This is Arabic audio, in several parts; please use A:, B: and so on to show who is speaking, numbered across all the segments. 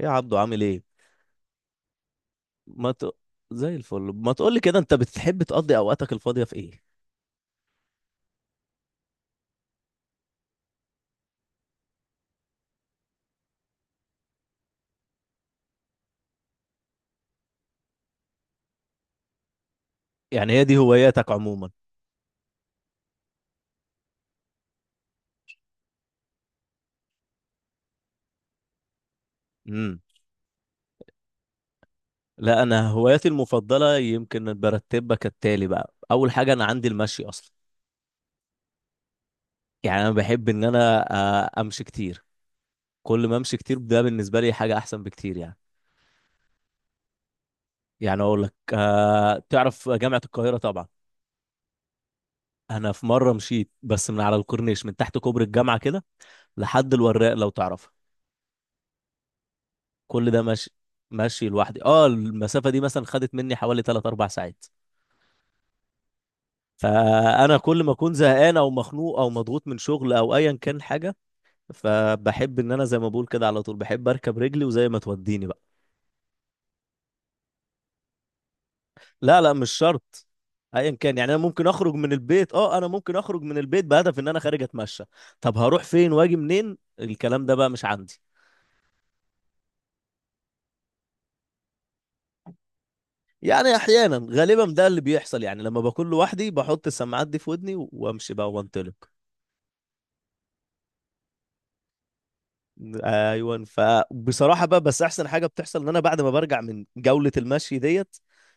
A: ايه يا عبدو، عامل ايه؟ ما ت... زي الفل، ما تقولي كده، انت بتحب تقضي اوقاتك الفاضيه في ايه؟ يعني هي دي هواياتك عموما؟ امم. لا انا هواياتي المفضله يمكن برتبها كالتالي بقى. اول حاجه انا عندي المشي اصلا. يعني انا بحب ان انا امشي كتير. كل ما امشي كتير ده بالنسبه لي حاجه احسن بكتير يعني. يعني اقول لك تعرف جامعه القاهره طبعا. انا في مره مشيت بس من على الكورنيش، من تحت كوبري الجامعه كده، لحد الوراق لو تعرف. كل ده ماشي، ماشي لوحدي. اه، المسافه دي مثلا خدت مني حوالي 3 4 ساعات. فانا كل ما اكون زهقان او مخنوق او مضغوط من شغل او ايا كان حاجه، فبحب ان انا زي ما بقول كده على طول بحب اركب رجلي وزي ما توديني بقى. لا لا، مش شرط. ايا كان. يعني انا ممكن اخرج من البيت، اه، انا ممكن اخرج من البيت بهدف ان انا خارج اتمشى. طب هروح فين واجي منين؟ الكلام ده بقى مش عندي. يعني احيانا، غالبا ده اللي بيحصل يعني، لما بكون لوحدي بحط السماعات دي في ودني وامشي بقى وانطلق. ايوه، فبصراحه بقى، بس احسن حاجه بتحصل ان انا بعد ما برجع من جوله المشي ديت،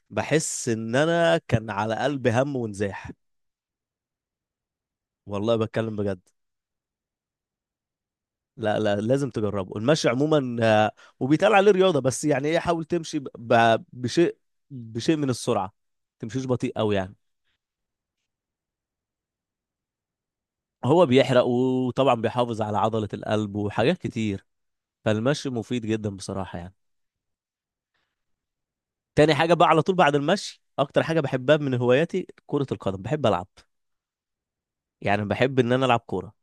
A: بحس ان انا كان على قلبي هم ونزاح. والله بتكلم بجد. لا لا، لازم تجربه. المشي عموما وبيتقال عليه رياضه، بس يعني ايه، حاول تمشي بشيء من السرعه. تمشيش بطيء قوي يعني. هو بيحرق، وطبعا بيحافظ على عضله القلب وحاجات كتير. فالمشي مفيد جدا بصراحه يعني. تاني حاجه بقى على طول بعد المشي، اكتر حاجه بحبها من هواياتي كره القدم، بحب العب. يعني بحب ان انا العب كوره.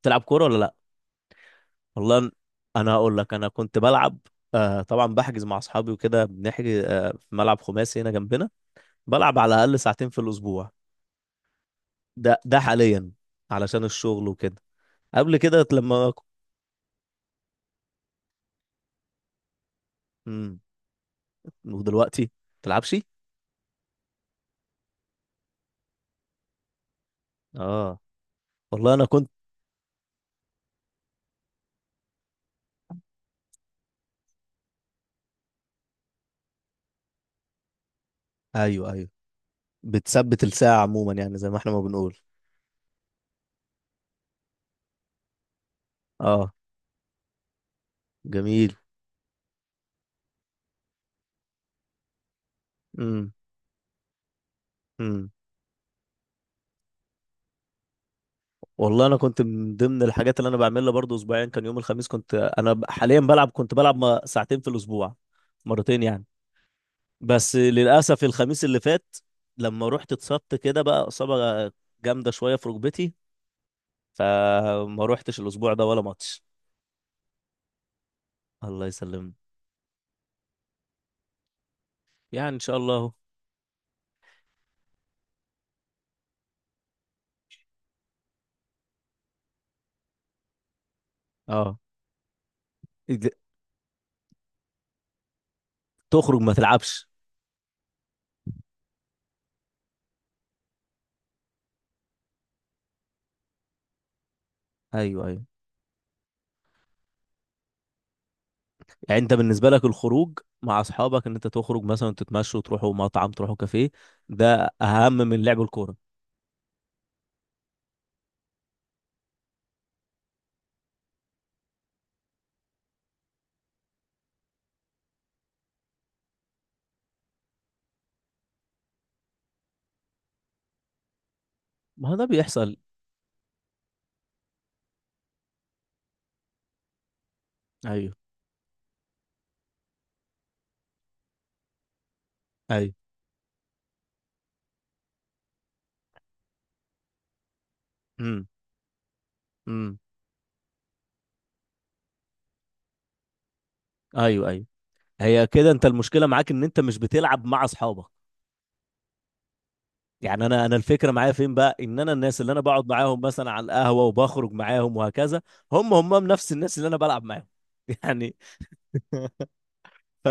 A: بتلعب كوره ولا لا؟ والله انا هقول لك، انا كنت بلعب. طبعا بحجز مع اصحابي وكده، بنحجز في ملعب خماسي هنا جنبنا. بلعب على الاقل ساعتين في الاسبوع. ده حاليا، علشان الشغل وكده. قبل كده لما. امم. ودلوقتي؟ تلعبش؟ اه، والله انا كنت. ايوه، ايوه. بتثبت الساعه عموما، يعني زي ما احنا ما بنقول. اه، جميل. امم. والله انا كنت من ضمن الحاجات اللي انا بعملها برضو اسبوعيا كان يوم الخميس. كنت انا حاليا بلعب، كنت بلعب ساعتين في الاسبوع، مرتين يعني. بس للاسف الخميس اللي فات لما رحت اتصبت كده بقى، اصابة جامدة شوية في ركبتي، فما روحتش الاسبوع ده ولا ماتش. الله يسلمني. يعني ان شاء الله اهو. اه. إد- تخرج ما تلعبش؟ ايوه، ايوه. يعني انت بالنسبة لك الخروج مع اصحابك، ان انت تخرج مثلا تتمشوا، تروحوا مطعم، تروحوا كافيه، ده اهم من لعب الكورة؟ ما هو ده بيحصل. ايوه، ايوه. امم. امم. ايوه، ايوه. هي كده انت المشكله معاك ان انت مش بتلعب مع اصحابك. يعني انا الفكره معايا فين بقى، ان انا الناس اللي انا بقعد معاهم مثلا على القهوه وبخرج معاهم وهكذا، هم نفس الناس اللي انا بلعب معاهم. يعني. ف...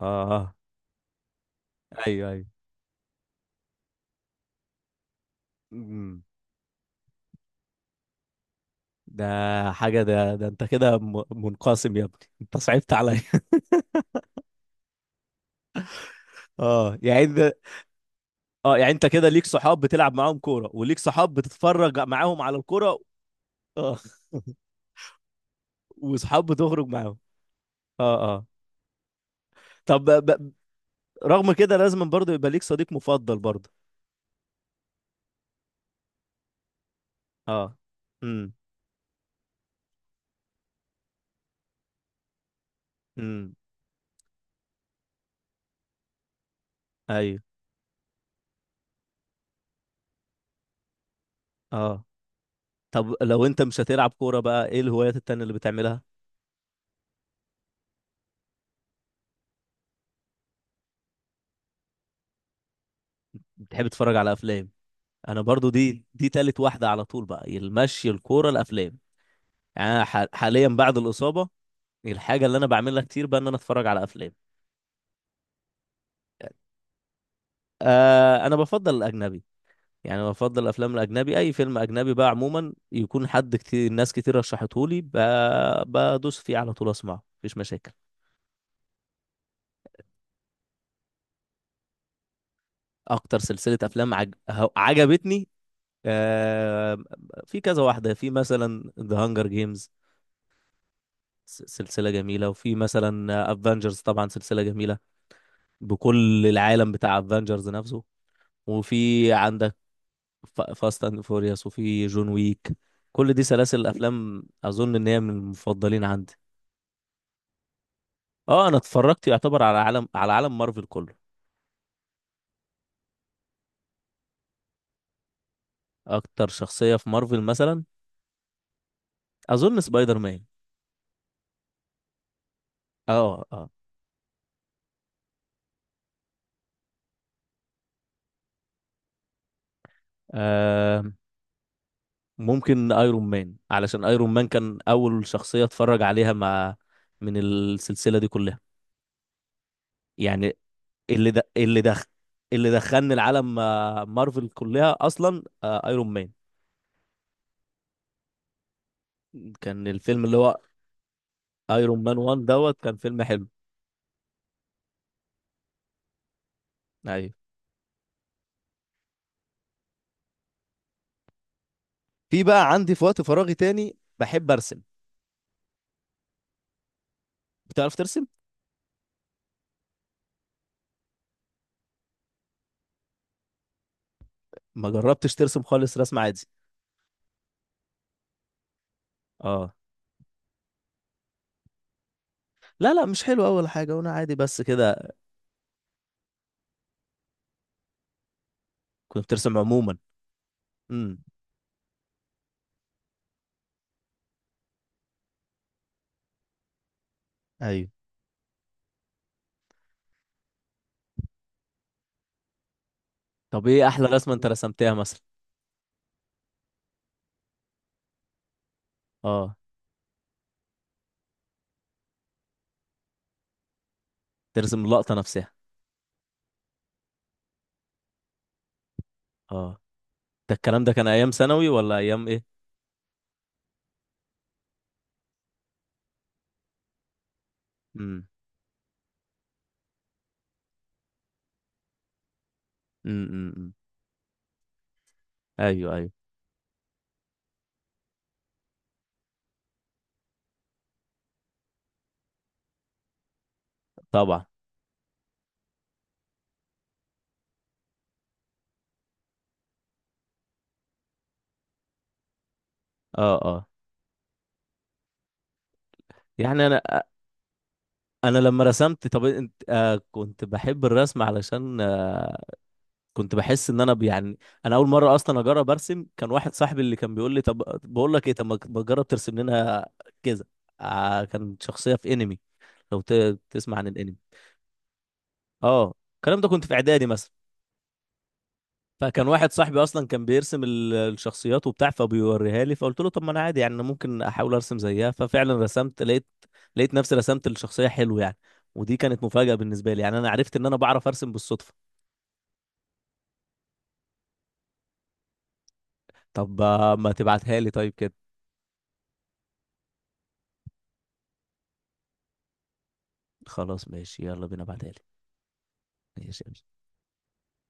A: اه. ايوه، ايوه. امم. ده حاجه، ده انت كده منقسم يا ابني، انت صعبت عليا. اه، يعني انت. اه، يعني انت كده ليك صحاب بتلعب معاهم كوره، وليك صحاب بتتفرج معاهم على الكوره. اه. وصحاب بتخرج معاهم. اه، اه. طب رغم كده لازم برضه يبقى ليك صديق مفضل برضه. اه. امم. امم. ايوه. اه. طب لو انت مش هتلعب كورة بقى، ايه الهوايات التانية اللي بتعملها؟ بتحب تتفرج على افلام. انا برضه، دي تالت واحدة على طول بقى، المشي، الكورة، الافلام. يعني أنا حاليا بعد الإصابة، الحاجة اللي انا بعملها كتير بقى ان انا اتفرج على افلام. انا بفضل الاجنبي. يعني انا بفضل الافلام الاجنبي. اي فيلم اجنبي بقى عموما يكون حد كتير ناس كتير رشحته لي، بدوس فيه على طول اسمعه، مفيش مشاكل. اكتر سلسله افلام عجبتني، آه... في كذا واحده، في مثلا ذا هانجر جيمز، سلسله جميله. وفي مثلا افنجرز، طبعا سلسله جميله، بكل العالم بتاع افنجرز نفسه. وفي عندك فاست اند فوريوس، وفي جون ويك. كل دي سلاسل الافلام اظن ان هي من المفضلين عندي. اه، انا اتفرجت يعتبر على عالم مارفل كله. اكتر شخصية في مارفل مثلا؟ اظن سبايدر مان. اه، اه. آم، ممكن ايرون مان، علشان ايرون مان كان اول شخصية اتفرج عليها، مع، من السلسلة دي كلها. يعني اللي دخل اللي دخلني العالم مارفل كلها اصلا، ايرون مان. كان الفيلم اللي هو ايرون مان 1 دوت، كان فيلم حلو. ايوه. في بقى عندي في وقت فراغي تاني بحب ارسم. بتعرف ترسم؟ ما جربتش ترسم خالص رسم عادي؟ اه. لا لا، مش حلو اول حاجه، وانا عادي بس كده. كنت بترسم عموما؟ امم. ايوه. طب ايه احلى رسمه انت رسمتها مثلا؟ اه. ترسم اللقطه نفسها. اه. ده الكلام ده كان ايام ثانوي ولا ايام ايه؟ امم. امم. أمم، أمم. ايوه، ايوه. طبعا. اه، اه. يعني انا لما رسمت، طب انت كنت بحب الرسم علشان كنت بحس ان انا يعني، انا اول مره اصلا اجرب ارسم، كان واحد صاحبي اللي كان بيقول لي: طب، بقول لك ايه، طب ما تجرب ترسم لنا كذا. كان شخصيه في انمي، لو تسمع عن الانمي. اه، الكلام ده كنت في اعدادي مثلا. فكان واحد صاحبي اصلا كان بيرسم الشخصيات وبتاع فبيوريها لي، فقلت له: طب ما انا عادي، يعني أنا ممكن احاول ارسم زيها. ففعلا رسمت، لقيت نفسي رسمت الشخصيه حلو يعني. ودي كانت مفاجاه بالنسبه لي، يعني انا عرفت ان انا بعرف ارسم بالصدفه. طب ما تبعتها لي طيب كده. خلاص ماشي، يلا بينا، بعتها لي. ماشي، يلا.